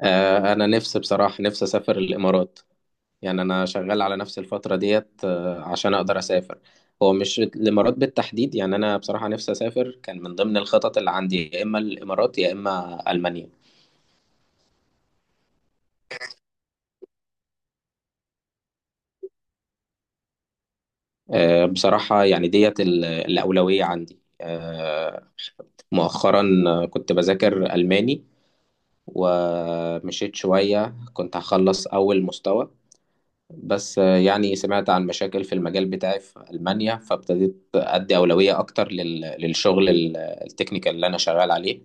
آه، انا نفسي بصراحه نفسي اسافر الامارات. يعني انا شغال على نفس الفتره ديت عشان اقدر اسافر. هو مش الامارات بالتحديد، يعني انا بصراحه نفسي اسافر، كان من ضمن الخطط اللي عندي يا اما الامارات يا اما المانيا. آه، بصراحه يعني ديت الاولويه عندي. مؤخرا كنت بذاكر الماني، ومشيت شويه كنت هخلص اول مستوى. بس يعني سمعت عن مشاكل في المجال بتاعي في ألمانيا، فابتديت أدي أولوية أكتر للشغل التكنيكال اللي أنا شغال عليه،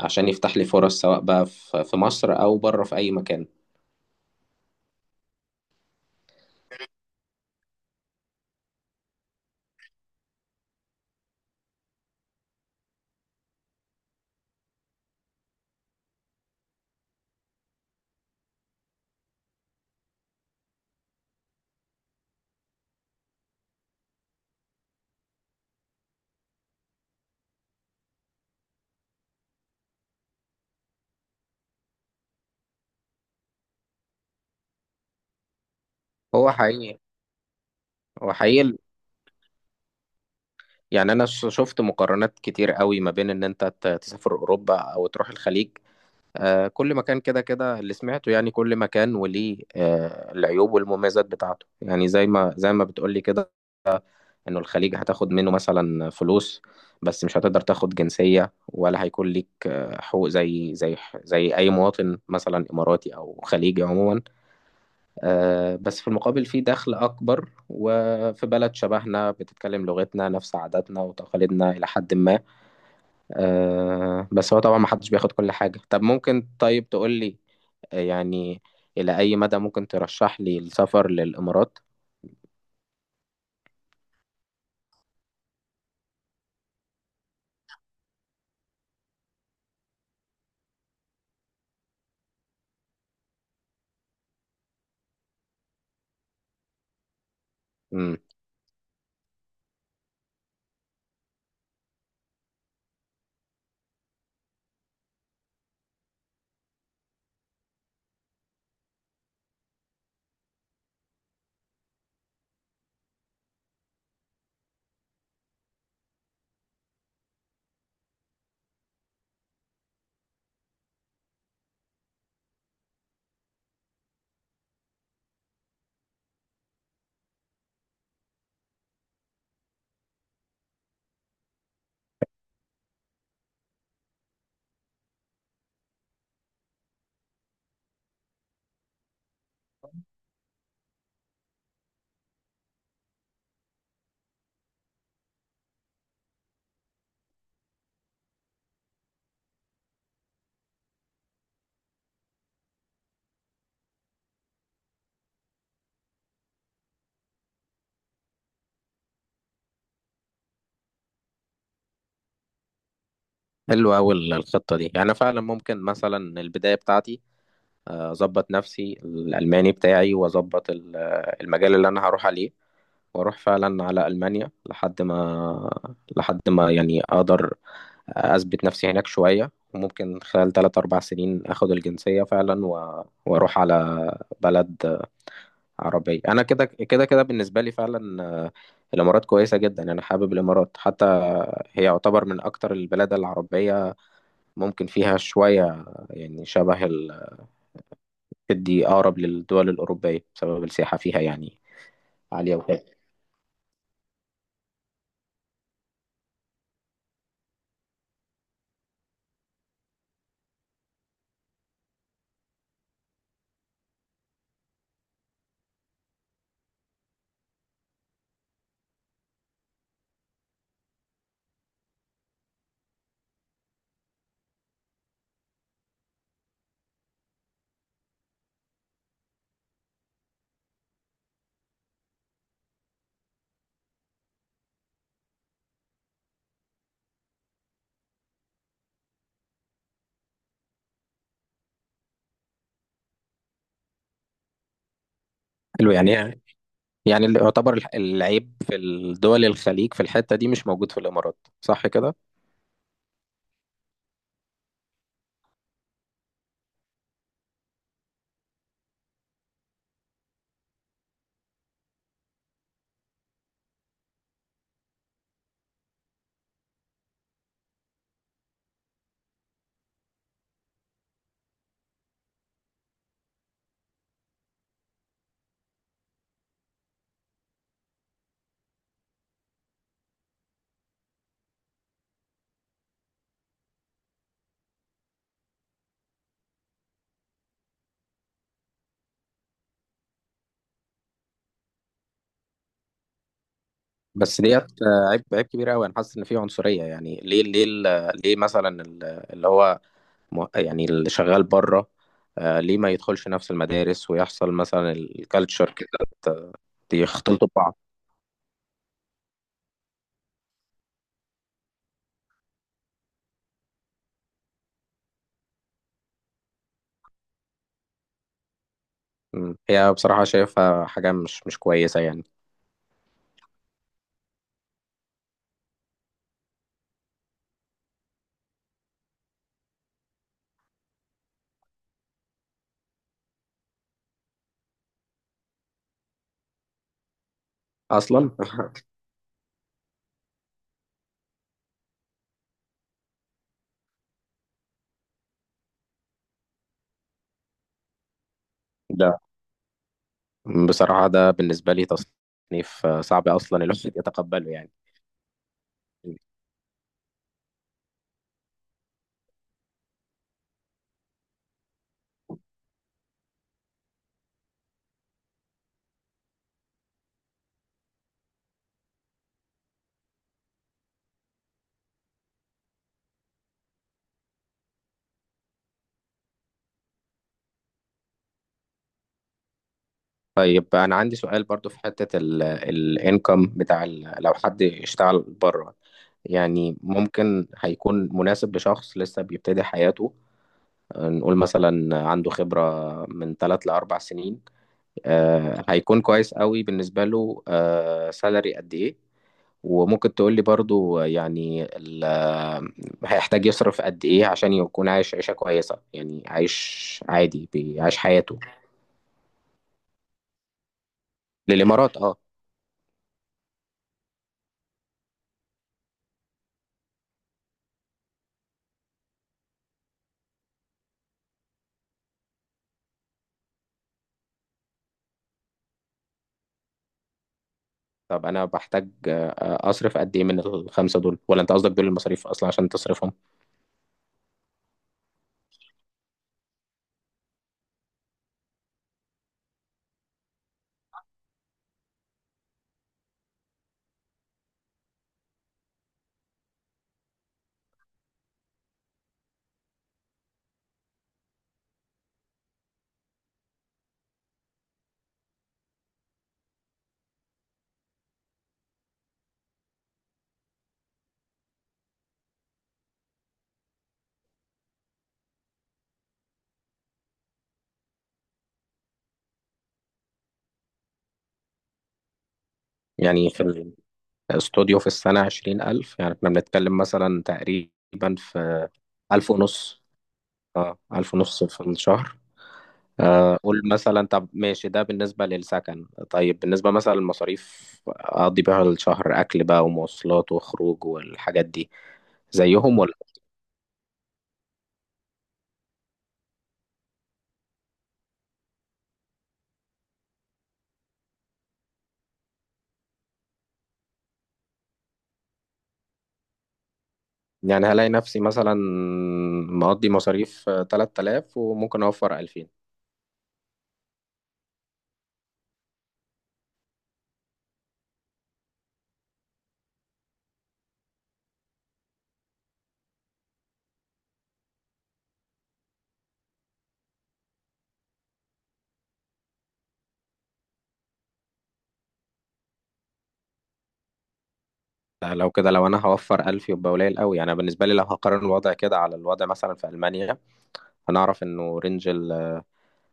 عشان يفتح لي فرص سواء بقى في مصر أو بره في أي مكان. هو حقيقي، هو حقيقي ال- يعني أنا شفت مقارنات كتير قوي ما بين إن أنت تسافر أوروبا أو تروح الخليج. كل مكان كده كده اللي سمعته، يعني كل مكان وليه العيوب والمميزات بتاعته، يعني زي ما بتقولي كده. انه الخليج هتاخد منه مثلا فلوس، بس مش هتقدر تاخد جنسية ولا هيكون ليك حقوق زي اي مواطن مثلا اماراتي او خليجي عموما. بس في المقابل في دخل اكبر، وفي بلد شبهنا بتتكلم لغتنا، نفس عاداتنا وتقاليدنا الى حد ما. بس هو طبعا محدش بياخد كل حاجة. طب ممكن طيب تقول لي يعني الى اي مدى ممكن ترشح لي السفر للامارات؟ حلو أوي الخطة دي، يعني فعلا ممكن مثلا البداية بتاعتي أظبط نفسي الألماني بتاعي، وأظبط المجال اللي أنا هروح عليه، وأروح فعلا على ألمانيا لحد ما يعني أقدر أثبت نفسي هناك شوية، وممكن خلال تلات أربع سنين أخد الجنسية فعلا، وأروح على بلد عربية. أنا كده كده كده بالنسبة لي فعلا، الإمارات كويسة جدا، أنا حابب الإمارات. حتى هي يعتبر من أكتر البلاد العربية، ممكن فيها شوية يعني دي أقرب للدول الأوروبية بسبب السياحة فيها يعني عالية وكده. حلو يعني اللي يعتبر العيب في الدول الخليج في الحتة دي مش موجود في الإمارات، صح كده؟ بس ديت عيب كبير قوي، أنا حاسس إن في عنصرية. يعني ليه مثلا اللي هو يعني اللي شغال بره ليه ما يدخلش نفس المدارس، ويحصل مثلا الكالتشر كده ت- يختلطوا ببعض؟ مم. هي بصراحة شايفها حاجة مش كويسة يعني. أصلا لا، بصراحة ده بالنسبة لي تصنيف صعب أصلا الواحد يتقبله يعني. طيب أنا عندي سؤال برضو، في حتة الانكم بتاع لو حد اشتغل بره يعني ممكن هيكون مناسب لشخص لسه بيبتدي حياته. نقول مثلا عنده خبرة من ثلاث لأربع سنين، هيكون كويس قوي بالنسبة له سالري قد إيه؟ وممكن تقول لي برضو يعني هيحتاج يصرف قد إيه عشان يكون عايش عيشة كويسة، يعني عايش عادي بيعيش حياته. للإمارات اه. طب أنا بحتاج أصرف قد إيه من الخمسة دول؟ ولا أنت قصدك دول المصاريف أصلا عشان تصرفهم؟ يعني في الاستوديو في السنة 20000، يعني إحنا بنتكلم مثلا تقريبا في 1500؟ اه، 1500 في الشهر؟ قول مثلا. طب ماشي، ده بالنسبة للسكن، طيب بالنسبة مثلا للمصاريف أقضي بيها الشهر، أكل بقى ومواصلات وخروج والحاجات دي زيهم ولا؟ يعني هلاقي نفسي مثلا مقضي مصاريف 3000 وممكن أوفر 2000. لا، لو كده لو أنا هوفر 1000 يبقى قليل قوي. أنا بالنسبة لي لو هقارن الوضع كده على الوضع مثلا في ألمانيا، هنعرف إنه رينج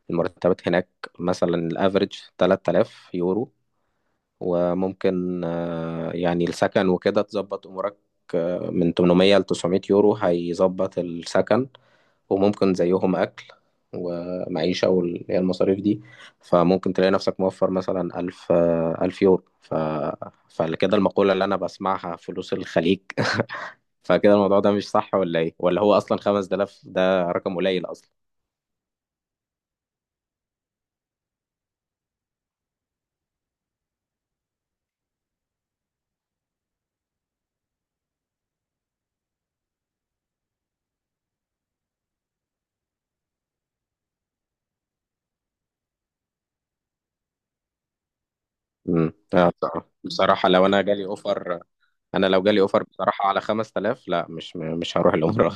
المرتبات هناك مثلا الأفريج 3000 يورو، وممكن يعني السكن وكده تظبط امورك من 800 ل 900 يورو هيظبط السكن، وممكن زيهم اكل ومعيشة واللي هي المصاريف دي. فممكن تلاقي نفسك موفر مثلا ألف يورو. فكده المقولة اللي أنا بسمعها فلوس الخليج. فكده الموضوع ده مش صح ولا إيه؟ ولا هو أصلا 5000 ده رقم قليل أصلا؟ بصراحة، بصراحة لو أنا جالي أوفر. أنا لو جالي أوفر بصراحة على 5000، لا مش هروح العمرة.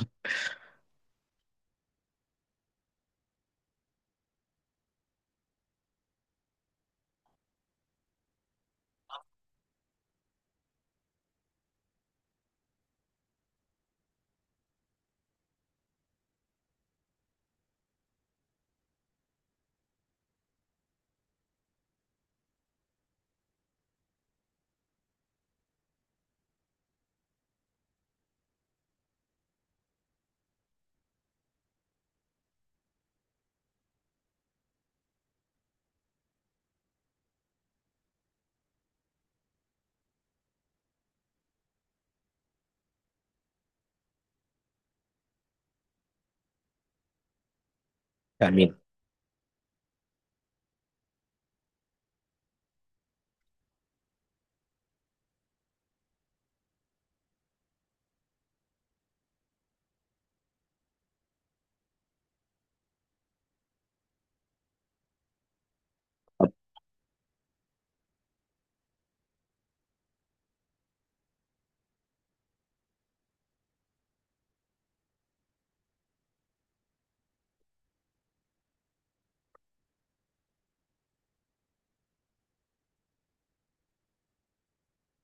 امين.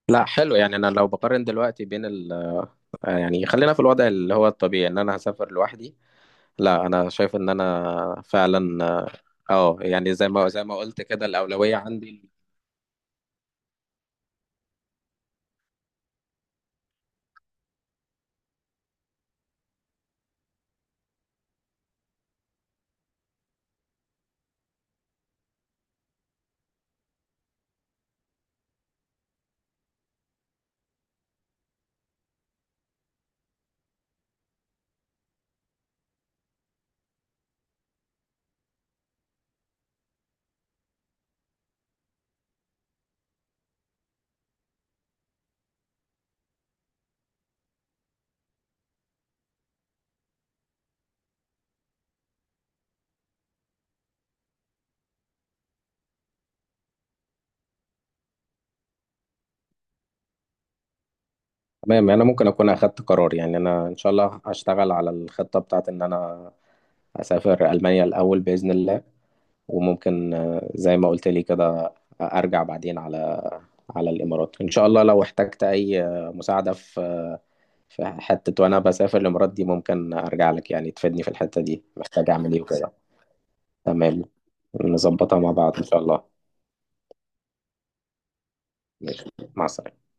لا حلو، يعني انا لو بقارن دلوقتي بين ال آه، يعني خلينا في الوضع اللي هو الطبيعي ان انا هسافر لوحدي، لا انا شايف ان انا فعلا اه. آه، يعني زي ما قلت كده الاولويه عندي. تمام، يعني انا ممكن اكون اخدت قرار، يعني انا ان شاء الله هشتغل على الخطه بتاعت ان انا اسافر المانيا الاول باذن الله. وممكن زي ما قلت لي كده ارجع بعدين على الامارات ان شاء الله. لو احتجت اي مساعده في فحتة وأنا بسافر الإمارات دي، ممكن أرجع لك يعني تفيدني في الحتة دي محتاج أعمل إيه وكده. تمام، نظبطها مع بعض إن شاء الله. ماشي، مع السلامة.